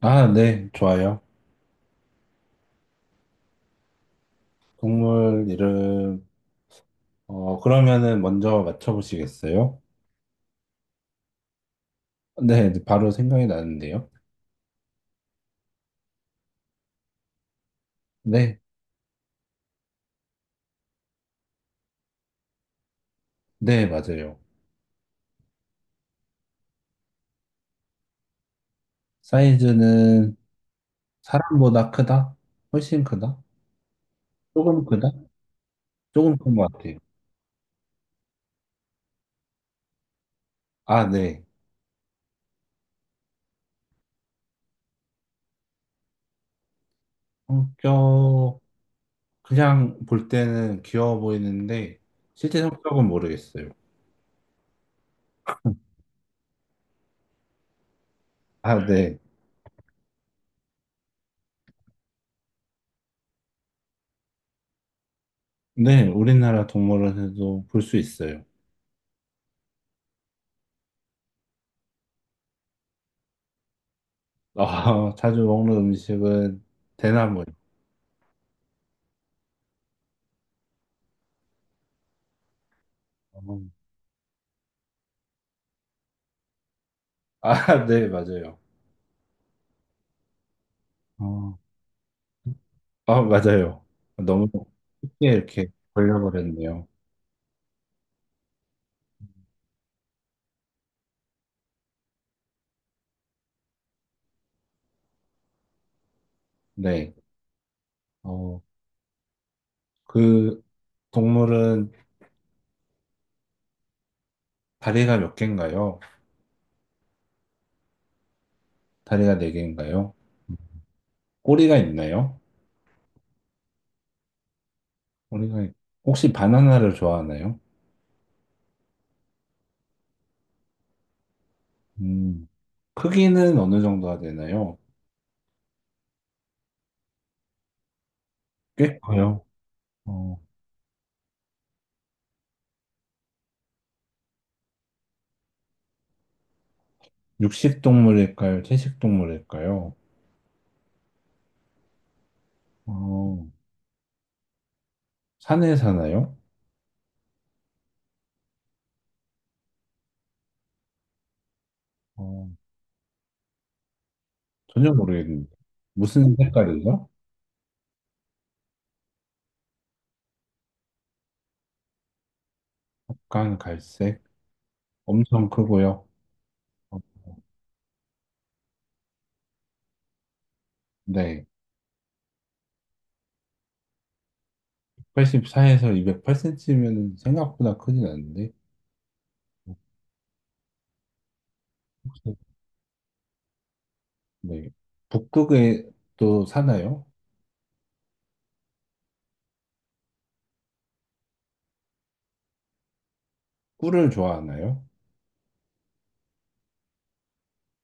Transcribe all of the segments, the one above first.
아, 네, 좋아요. 동물 이름, 그러면은 먼저 맞춰보시겠어요? 네, 바로 생각이 나는데요. 네, 네, 맞아요. 사이즈는 사람보다 크다? 훨씬 크다? 조금 크다? 조금 큰 것 같아요. 아, 네. 성격, 그냥 볼 때는 귀여워 보이는데, 실제 성격은 모르겠어요. 아, 네. 네, 우리나라 동물원에도 볼 수 있어요. 아, 자주 먹는 음식은 대나무예요. 아, 네, 맞아요. 어, 아, 맞아요. 너무 쉽게 이렇게 걸려버렸네요. 네. 어, 그 동물은 다리가 몇 개인가요? 다리가 네 개인가요? 꼬리가 있나요? 꼬리가 있- 혹시 바나나를 좋아하나요? 음, 크기는 어느 정도가 되나요? 꽤 커요. 어, 육식 동물일까요? 채식 동물일까요? 어, 산에 사나요? 어, 전혀 모르겠는데. 무슨 색깔이죠? 약간 갈색. 엄청 크고요. 어, 네. 84에서 208 cm면 생각보다 크진 않은데. 혹시, 네. 북극에 또 사나요? 꿀을 좋아하나요?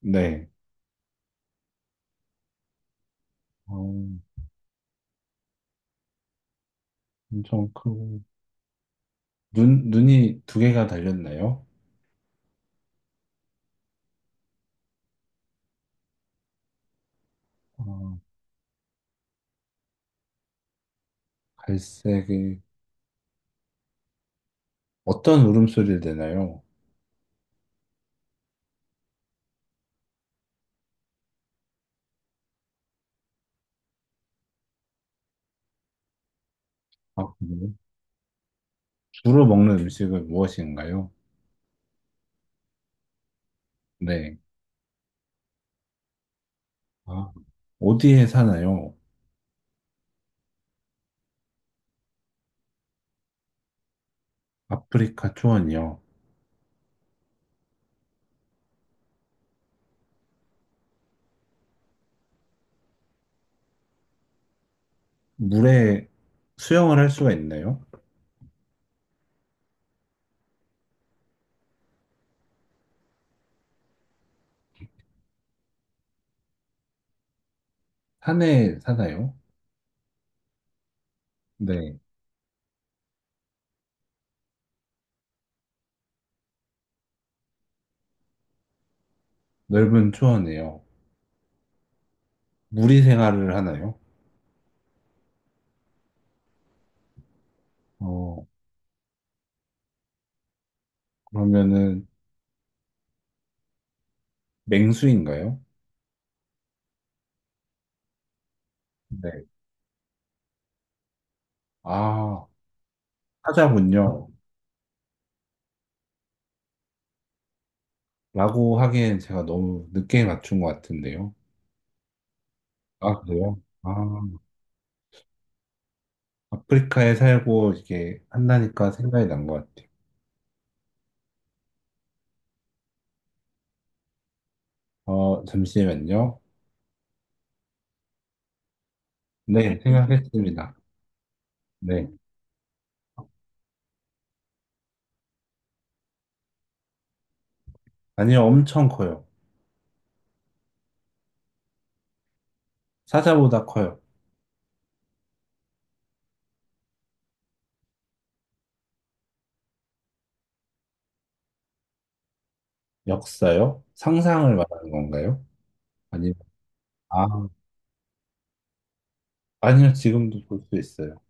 네. 어, 엄청 크고. 눈, 눈이 두 개가 달렸나요? 어, 갈색이 어떤 울음소리를 내나요? 아, 그래요? 주로 먹는 음식은 무엇인가요? 네. 아, 어디에 사나요? 아프리카 초원이요. 물에 수영을 할 수가 있나요? 산에 사나요? 네. 넓은 초원에요. 무리 생활을 하나요? 어, 그러면은 맹수인가요? 네. 아, 사자군요. 라고 하기엔 제가 너무 늦게 맞춘 것 같은데요. 아, 그래요? 아, 아프리카에 살고 이게 한다니까 생각이 난 것 같아요. 어, 잠시만요. 네, 생각했습니다. 네. 아니요, 엄청 커요. 사자보다 커요. 역사요? 상상을 말하는 건가요? 아니면, 아, 아니요, 지금도 볼 수 있어요.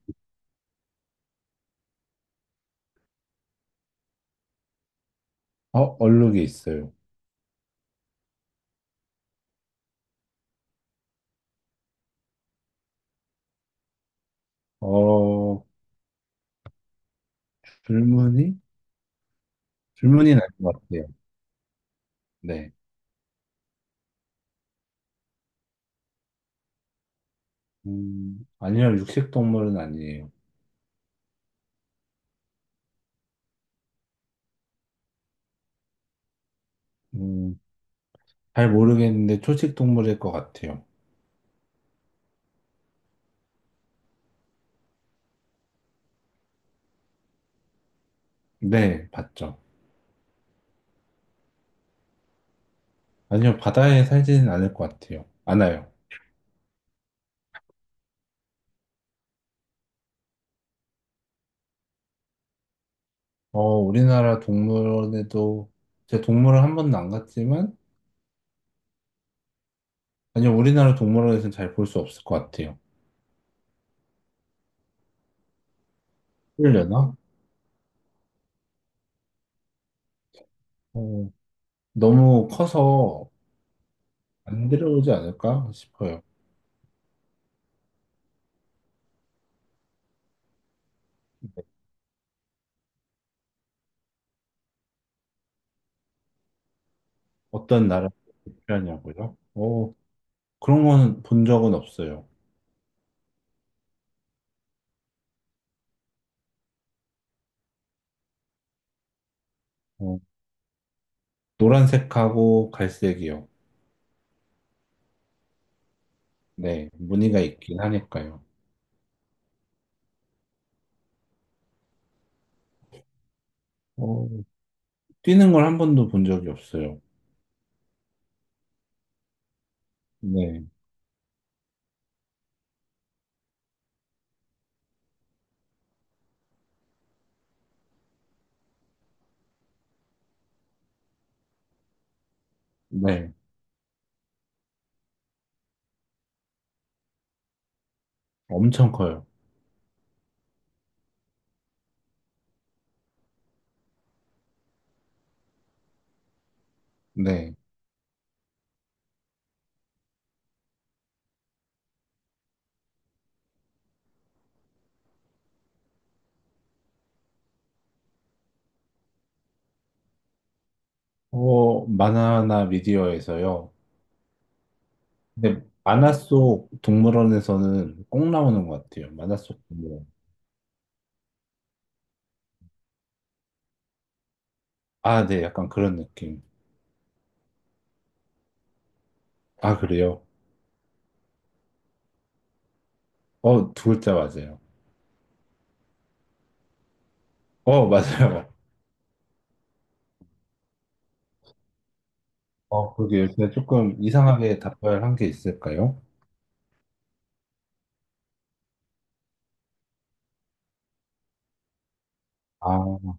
어, 얼룩이 있어요. 어, 불문이? 불문이 날 것 같아요. 네. 아니요, 육식 동물은 아니에요. 음, 잘 모르겠는데 초식 동물일 것 같아요. 네, 봤죠. 아니요, 바다에 살지는 않을 것 같아요. 않아요. 어, 우리나라 동물원에도, 제 동물원 한 번도 안 갔지만, 아니요, 우리나라 동물원에서는 잘 볼 수 없을 것 같아요. 풀려나? 어, 너무 커서 안 들어오지 않을까 싶어요. 어떤 나라를 표현하냐고요? 어, 그런 건 본 적은 없어요. 어, 노란색하고 갈색이요. 네, 무늬가 있긴 하니까요. 어, 뛰는 걸 한 번도 본 적이 없어요. 네, 네, 엄청 커요. 네, 만화나 미디어에서요. 근데 만화 속 동물원에서는 꼭 나오는 것 같아요. 만화 속 동물원. 아, 네, 약간 그런 느낌. 아, 그래요? 어, 두 글자 맞아요. 어, 맞아요. 어, 그러게 요새 조금 이상하게 답변을 한 게 있을까요? 아, 어,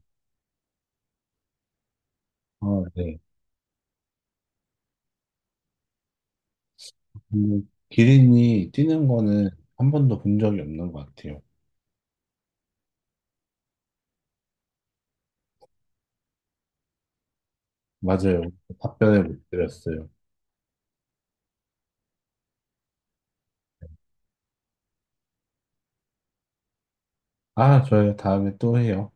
네. 기린이 뛰는 거는 한 번도 본 적이 없는 것 같아요. 맞아요. 답변을 못 드렸어요. 아, 저요. 다음에 또 해요.